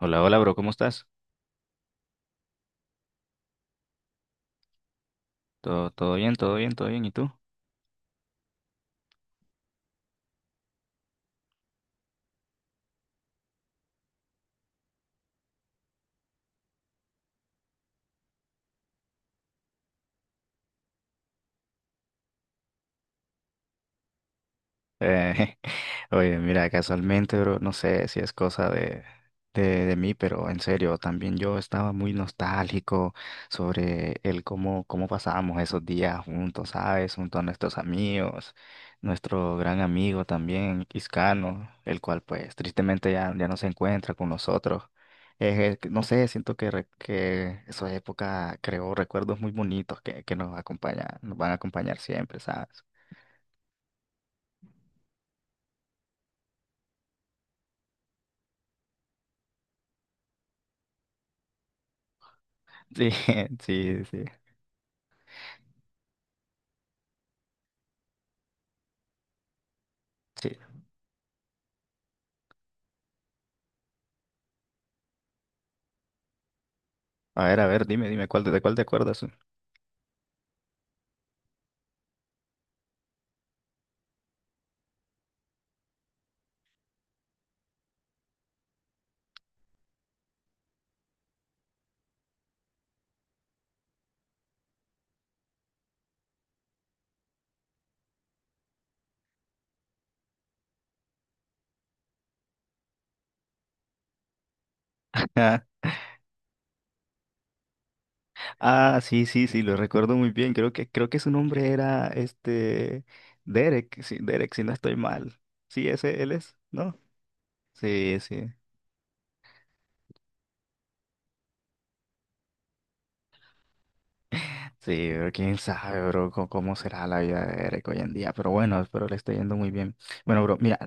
Hola, hola, bro, ¿cómo estás? Todo, todo bien, todo bien, todo bien. ¿Y tú? Eh, oye, mira, casualmente, bro, no sé si es cosa de, de mí, pero en serio, también yo estaba muy nostálgico sobre el cómo, cómo pasábamos esos días juntos, ¿sabes? Junto a nuestros amigos, nuestro gran amigo también, Iscano, el cual pues tristemente ya no se encuentra con nosotros. No sé, siento que, que esa época creó recuerdos muy bonitos que nos acompañan, nos van a acompañar siempre, ¿sabes? Sí, sí, sí. Sí. A ver, dime, dime, ¿cuál, ¿de cuál te acuerdas? Ah, ah, sí, sí, sí, lo recuerdo muy bien. Creo que su nombre era este Derek, sí, Derek, si no estoy mal. Sí, ese él es, ¿no? Sí, sí. Sí, pero quién sabe, bro, cómo será la vida de Eric hoy en día. Pero bueno, espero le esté yendo muy bien. Bueno, bro, mira,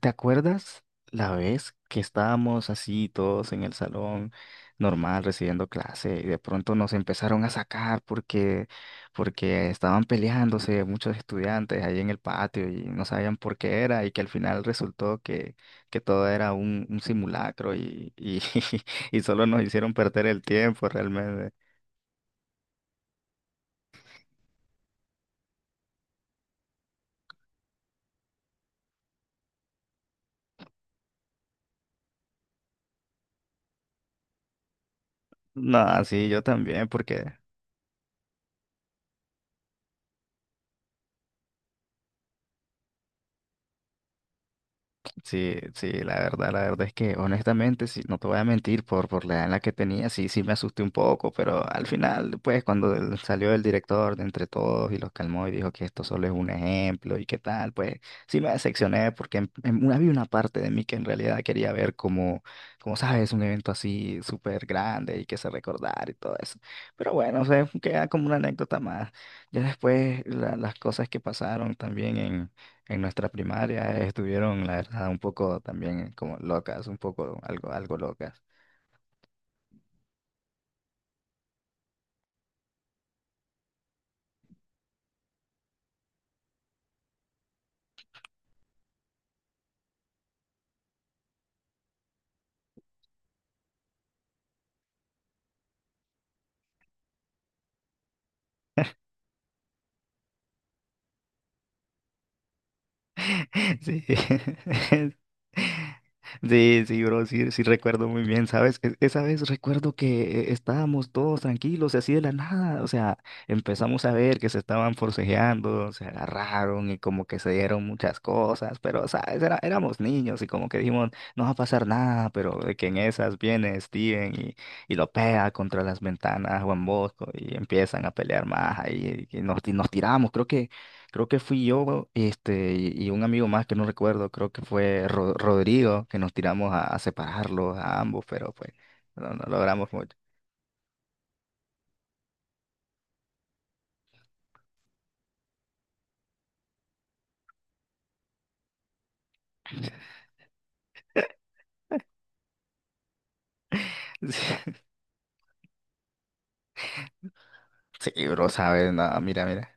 ¿te acuerdas la vez que estábamos así todos en el salón normal recibiendo clase y de pronto nos empezaron a sacar porque, porque estaban peleándose muchos estudiantes ahí en el patio y no sabían por qué era y que al final resultó que todo era un simulacro y, y solo nos hicieron perder el tiempo realmente. No, sí, yo también, porque sí, sí, la verdad es que honestamente, sí, no te voy a mentir, por la edad en la que tenía, sí, sí me asusté un poco, pero al final, pues, cuando salió el director de entre todos y los calmó y dijo que esto solo es un ejemplo y qué tal, pues, sí me decepcioné porque había una parte de mí que en realidad quería ver como, como sabes, un evento así súper grande y que se recordar y todo eso. Pero bueno, o sea, queda como una anécdota más. Ya después, las cosas que pasaron también en nuestra primaria estuvieron, la verdad, un poco también como locas, un poco algo, algo locas. Sí. Sí, sí, bro, sí, sí recuerdo muy bien, ¿sabes? Esa vez recuerdo que estábamos todos tranquilos y así de la nada, o sea, empezamos a ver que se estaban forcejeando, se agarraron y como que se dieron muchas cosas, pero, ¿sabes? Éramos niños y como que dijimos, no va a pasar nada, pero de que en esas viene Steven y lo pega contra las ventanas Juan Bosco y empiezan a pelear más ahí y nos tiramos, creo que... Creo que fui yo, este, y un amigo más que no recuerdo, creo que fue Rodrigo, que nos tiramos a separarlos a ambos, pero pues no, no logramos mucho. Sí, bro, sabes, no, mira, mira.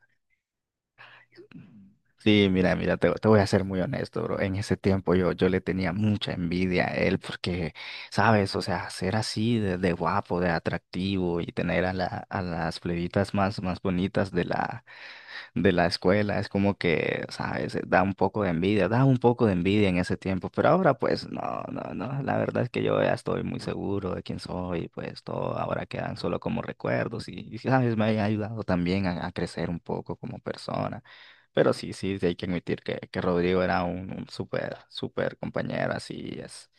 Sí, mira, mira, te voy a ser muy honesto, bro. En ese tiempo yo, yo le tenía mucha envidia a él porque, sabes, o sea, ser así de guapo, de atractivo y tener a, la, a las plebitas más, más bonitas de la escuela, es como que, ¿sabes? Da un poco de envidia, da un poco de envidia en ese tiempo, pero ahora pues no, no, no, la verdad es que yo ya estoy muy seguro de quién soy, pues todo ahora quedan solo como recuerdos y, ¿sabes? Me ha ayudado también a crecer un poco como persona, pero sí, sí, sí hay que admitir que Rodrigo era un súper, súper compañero, así es.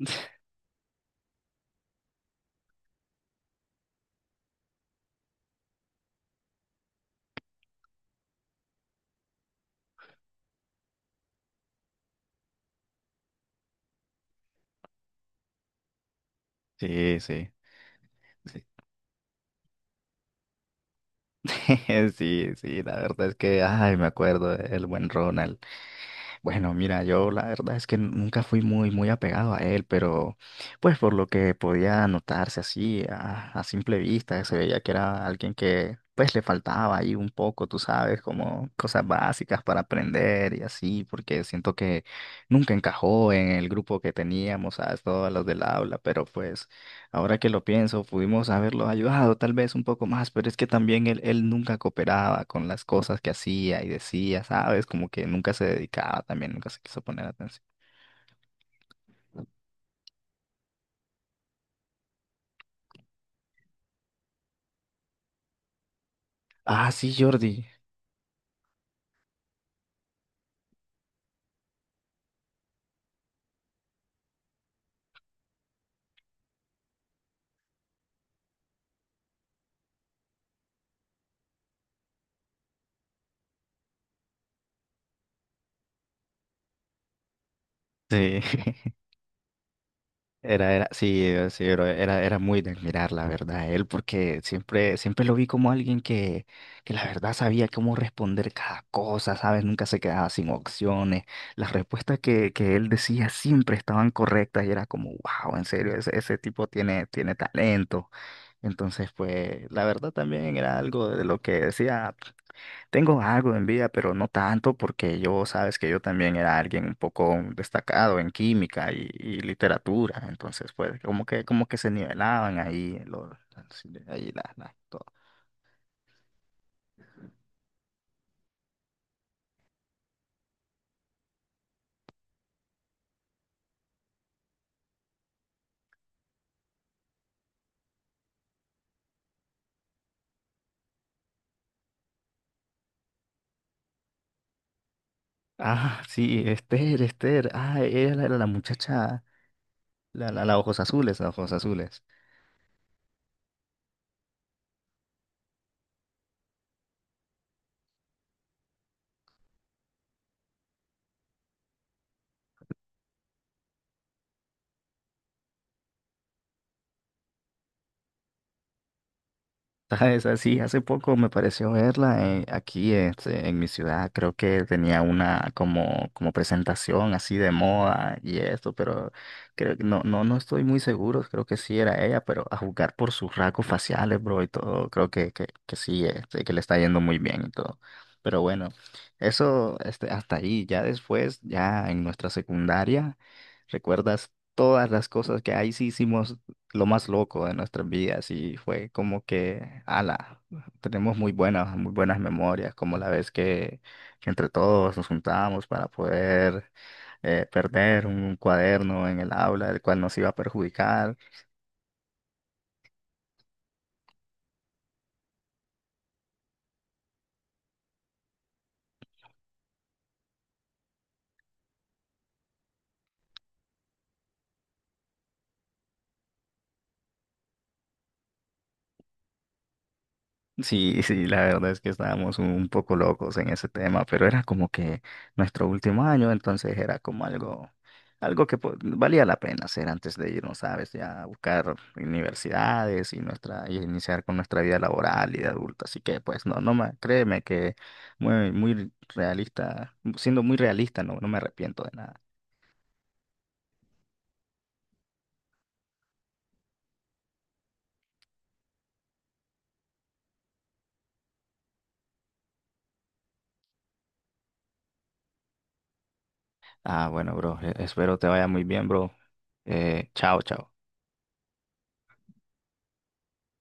Sí, sí, sí. Sí, sí, la verdad es que, ay, me acuerdo del buen Ronald. Bueno, mira, yo la verdad es que nunca fui muy, muy apegado a él, pero pues por lo que podía notarse así a simple vista, se veía que era alguien que pues le faltaba ahí un poco, tú sabes, como cosas básicas para aprender y así, porque siento que nunca encajó en el grupo que teníamos, ¿sabes? Todos los del aula, pero pues ahora que lo pienso, pudimos haberlo ayudado tal vez un poco más, pero es que también él nunca cooperaba con las cosas que hacía y decía, ¿sabes? Como que nunca se dedicaba también, nunca se quiso poner atención. Ah, sí, Jordi. Sí. Era, era, sí, sí, pero era, era muy de admirar, la verdad, él, porque siempre, siempre lo vi como alguien que la verdad sabía cómo responder cada cosa, ¿sabes? Nunca se quedaba sin opciones. Las respuestas que él decía siempre estaban correctas y era como, wow, en serio, ese tipo tiene, tiene talento. Entonces, pues, la verdad también era algo de lo que decía. Tengo algo de envidia, pero no tanto porque yo, sabes que yo también era alguien un poco destacado en química y literatura, entonces pues como que se nivelaban ahí los ahí la, todo. Ah, sí, Esther, Esther, ah, ella era la, la muchacha, la ojos azules, la ojos azules. ¿Sabes? Así, hace poco me pareció verla aquí este, en mi ciudad. Creo que tenía una como, como presentación así de moda y esto, pero creo que no, no, no estoy muy seguro. Creo que sí era ella, pero a juzgar por sus rasgos faciales, bro, y todo, creo que sí, este, que le está yendo muy bien y todo. Pero bueno, eso este, hasta ahí. Ya después, ya en nuestra secundaria, ¿recuerdas todas las cosas que ahí sí hicimos? Lo más loco de nuestras vidas y fue como que, ala, tenemos muy buenas memorias, como la vez que entre todos nos juntábamos para poder perder un cuaderno en el aula, el cual nos iba a perjudicar. Sí, sí, la verdad es que estábamos un poco locos en ese tema, pero era como que nuestro último año, entonces era como algo, algo que valía la pena hacer antes de irnos, ¿sabes? Ya a buscar universidades y nuestra, y iniciar con nuestra vida laboral y de adulto. Así que pues no, no me, créeme que muy, muy realista, siendo muy realista, no, no me arrepiento de nada. Ah, bueno, bro, espero te vaya muy bien, bro. Chao, chao.